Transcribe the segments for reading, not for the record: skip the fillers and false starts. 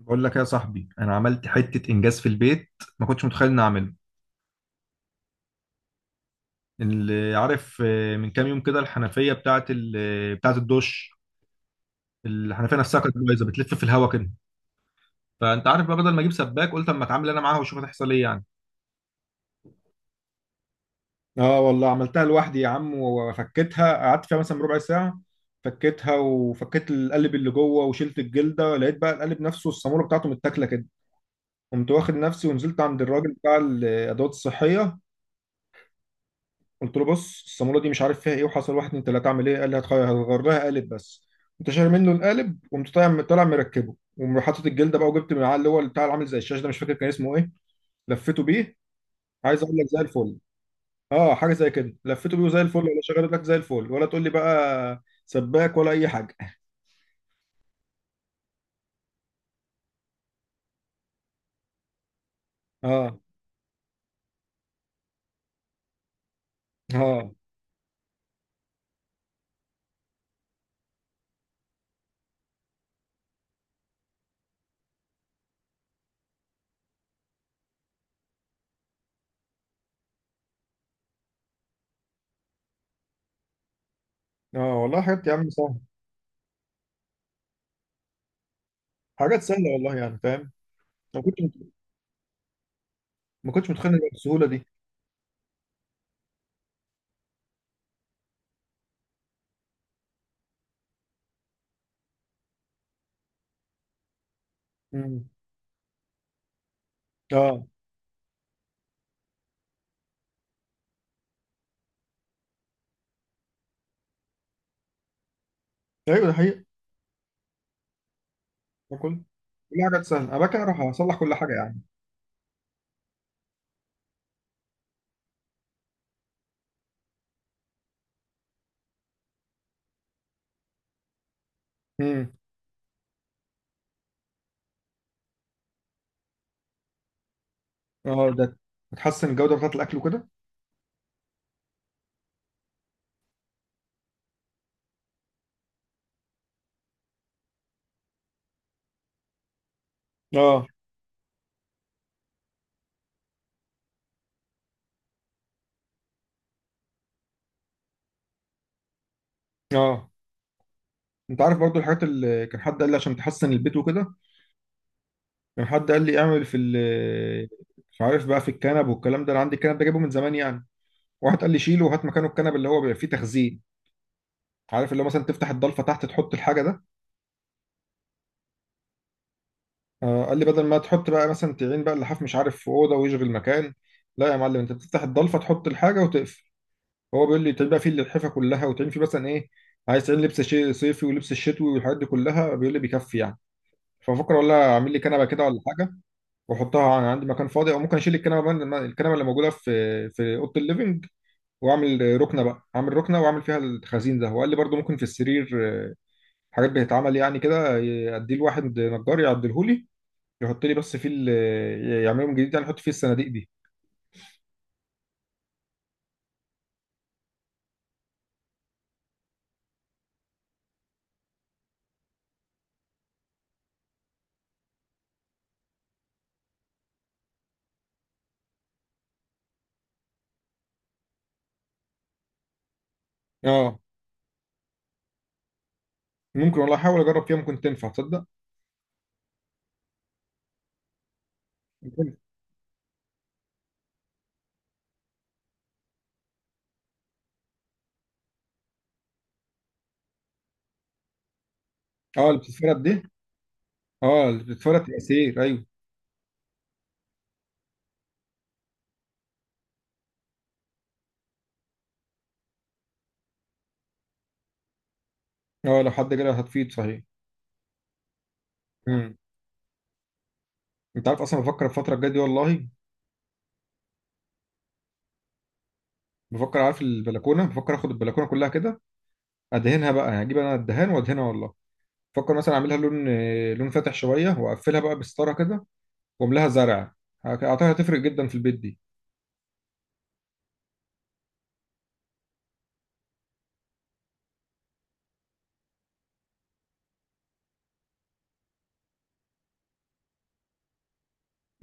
بقول لك يا صاحبي، انا عملت حته انجاز في البيت. ما كنتش متخيل اني اعمله. اللي عارف، من كام يوم كده الحنفيه بتاعه بتاعه الدش. الحنفيه نفسها كانت بايظه، بتلف في الهواء كده. فانت عارف بقى، بدل ما اجيب سباك قلت اما اتعامل انا معاها واشوف هتحصل ايه يعني. اه والله، عملتها لوحدي يا عم، وفكيتها قعدت فيها مثلا ربع ساعه. فكيتها وفكيت القلب اللي جوه وشلت الجلده، لقيت بقى القلب نفسه الصاموله بتاعته متاكله كده. قمت واخد نفسي ونزلت عند الراجل بتاع الادوات الصحيه. قلت له بص، الصامولة دي مش عارف فيها ايه، وحصل واحد اتنين تلاته، اعمل ايه؟ قال لي هتغير هتغير لها قالب بس. قمت شاري منه القالب، وقمت طالع مركبه، وحاطط الجلده بقى، وجبت من العلى اللي هو بتاع اللي عامل زي الشاشه ده، مش فاكر كان اسمه ايه. لفيته بيه. عايز اقول لك زي الفل. اه، حاجه زي كده، لفيته بيه وزي الفل، ولا شغال لك زي الفل، ولا تقول لي بقى سباك ولا اي حاجه. اه. اه. اه والله، حاجات يا عم سهله. حاجات سهله والله، يعني فاهم. ما كنت ما كنتش متخيل إنها بالسهوله دي. امم. اه. ايوه، ده حقيقي. باكل. كل حاجه تسال، انا بكره اروح اصلح كل حاجه يعني. امم. اه. ده. بتحسن الجوده بتاعه الاكل وكده. اه. اه، انت عارف برضو الحاجات اللي كان حد قال لي عشان تحسن البيت وكده. كان حد قال لي اعمل في ال مش عارف بقى، في الكنب والكلام ده، انا عندي الكنب ده جايبه من زمان يعني. واحد قال لي شيله وهات مكانه الكنب اللي هو بيبقى فيه تخزين. عارف اللي هو مثلا تفتح الضلفه تحت تحط الحاجه ده. قال لي بدل ما تحط بقى مثلا تعين بقى اللحاف، مش عارف، في اوضه ويشغل مكان. لا يا معلم، انت بتفتح الضلفه تحط الحاجه وتقفل. هو بيقول لي تعين بقى فيه اللحفه كلها، وتعين فيه مثلا ايه، عايز تعين لبس صيفي ولبس الشتوي والحاجات دي كلها، بيقول لي بيكفي يعني. ففكر والله اعمل لي كنبه كده ولا حاجه، واحطها، انا عندي مكان فاضي، او ممكن اشيل الكنبه من الكنبه اللي موجوده في اوضه الليفنج. واعمل ركنه بقى، اعمل ركنه واعمل فيها الخزين ده. وقال لي برضو ممكن في السرير حاجات بتتعمل يعني كده، اديه لواحد نجار يعدلهولي، يحط لي بس فيه يعملهم جديد يعني، يحط فيه الصناديق دي. اه ممكن والله، احاول اجرب فيها ممكن تنفع، تصدق؟ ممكن. اه، اللي بتتفرد دي. اه، بتفرق تأثير، ايوه. اه، لو حد جالي هتفيد صحيح. امم. انت عارف اصلا بفكر الفتره الجايه دي والله. بفكر، عارف، البلكونه، بفكر اخد البلكونه كلها كده، ادهنها بقى يعني، اجيب انا الدهان وادهنها والله. بفكر مثلا اعملها لون فاتح شويه، واقفلها بقى بستاره كده، واملاها زرع. اعتقد هتفرق جدا في البيت دي.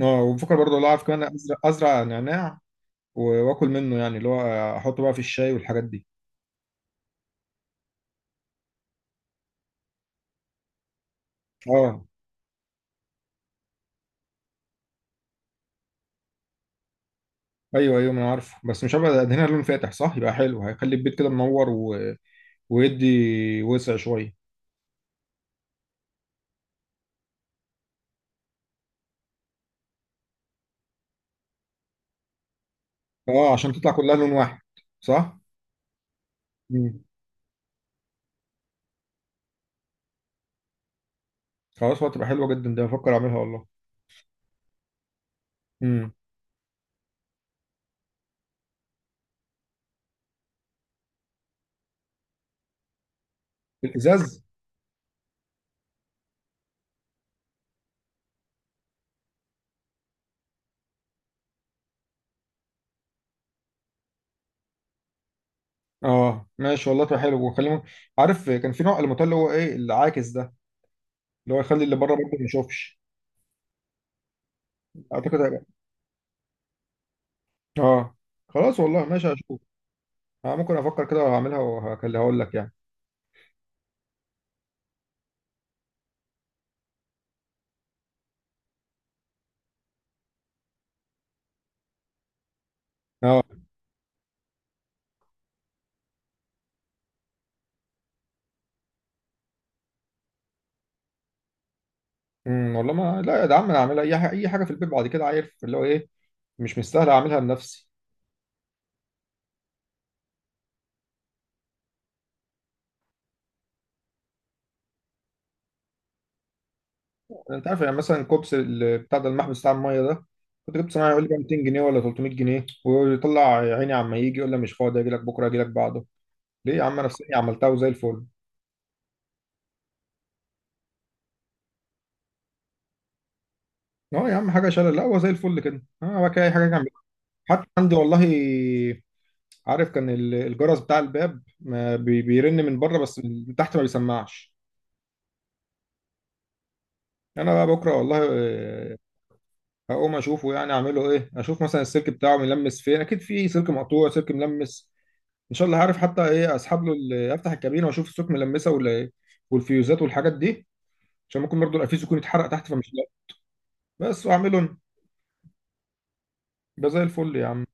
اه، وبفكر برضه والله، عارف، كمان ازرع نعناع واكل منه يعني، اللي هو احطه بقى في الشاي والحاجات دي. اه ايوه ايوه، ما انا عارفه، بس مش هبقى ادهنها لون فاتح صح يبقى حلو، هيخلي البيت كده منور، ويدي وسع شويه. اه، عشان تطلع كلها لون واحد. صح. مم. خلاص، هتبقى حلوه جدا ده، بفكر اعملها والله. امم. الازاز. اه ماشي والله، تبقى حلو، وخلي، عارف، كان في نوع الموتيل اللي هو ايه العاكس ده، اللي هو يخلي اللي بره برضه ما يشوفش. اعتقد هيبقى. اه. خلاص والله، ماشي، هشوف. ممكن افكر كده، وهعملها وهكلها اقول لك يعني. اه. امم. والله ما لا يا عم، انا هعملها اي حاجه، اي حاجه في البيت بعد كده عارف اللي هو ايه، مش مستاهل اعملها لنفسي. انت عارف يعني، مثلا كوبس بتاع ده، المحبس بتاع الميه ده، كنت جبت صناعي يقول لي بقى 200 جنيه ولا 300 جنيه، ويطلع يا عيني عما يجي يقول لي مش فاضي، اجي لك بكره اجي لك بعده. ليه يا عم؟ انا في سني عملتها وزي الفل. اه يا عم، حاجه شلل، لا هو زي الفل كده، اه بقى كده اي حاجه اعمل. حتى عندي والله، عارف، كان الجرس بتاع الباب ما بيرن من بره بس، من تحت ما بيسمعش. انا بقى بكره والله، هقوم اشوفه يعني اعمله ايه، اشوف مثلا السلك بتاعه ملمس فين، اكيد في سلك مقطوع سلك ملمس. ان شاء الله هعرف. حتى ايه، اسحب له افتح الكابينه واشوف السوك ملمسه ولا، والفيوزات والحاجات دي، عشان ممكن برضو الافيز يكون اتحرق تحت فمش لاقي. بس واعمله أنا. يبقى زي الفل يا عم.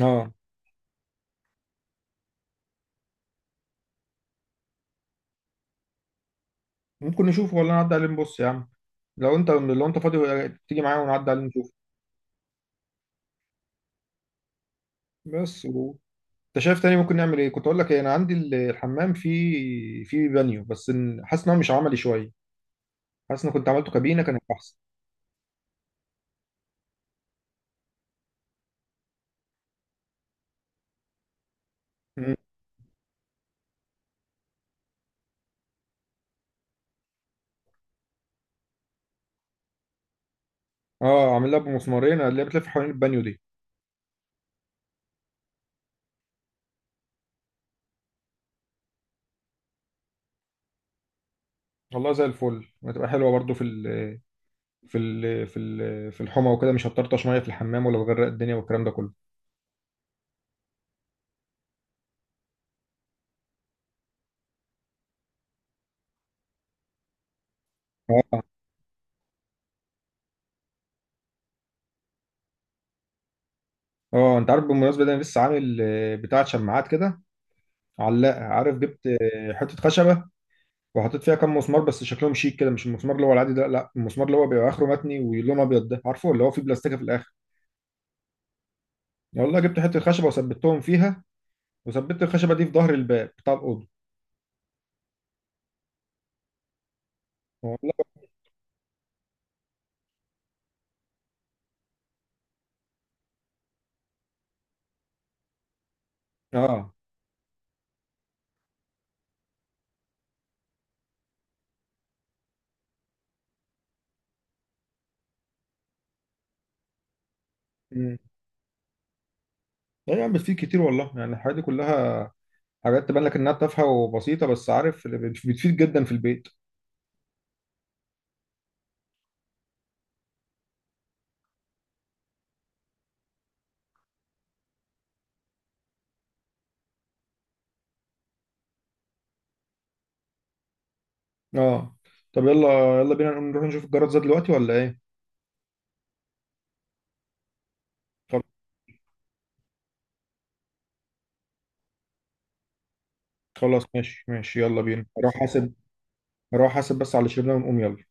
اه ممكن نشوفه، ولا نعدي عليه نبص يا عم. لو انت فاضي، تيجي معايا ونعدي عليه نشوفه. بس و... انت شايف تاني ممكن نعمل ايه؟ كنت اقول لك ايه، انا عندي الحمام فيه بانيو، بس حاسس ان هو مش عملي شويه، حاسس ان كنت عملته كابينه كانت احسن. م. اه، عامل لها بمسمارين اللي هي بتلف حوالين البانيو دي. والله زي الفل، هتبقى حلوه برضو في الحمى وكده، مش هتطرطش ميه في الحمام ولا بغرق الدنيا والكلام ده كله. اه. انت عارف بالمناسبه ده، انا لسه عامل، بتاعه شماعات كده، علاقه، عارف، جبت حته خشبه وحطيت فيها كام مسمار، بس شكلهم شيك كده، مش المسمار اللي هو العادي ده، لا المسمار اللي هو بيبقى اخره متني ولونه ابيض ده، عارفه اللي هو فيه بلاستيكه في الاخر. والله جبت حته خشبه وثبتهم فيها، وثبت الخشبه دي في ظهر الباب بتاع الاوضه. والله. اه. امم. لا يعني بتفيد كتير والله يعني، الحاجات دي كلها، حاجات تبان لك انها تافهه وبسيطه، بس عارف، بتفيد جدا في البيت. اه. طب يلا يلا بينا نروح نشوف الجرد زاد دلوقتي ولا ايه؟ خل- خلاص ماشي ماشي، يلا بينا اروح حاسب. اروح حاسب بس على اللي شربناه، ونقوم يلا.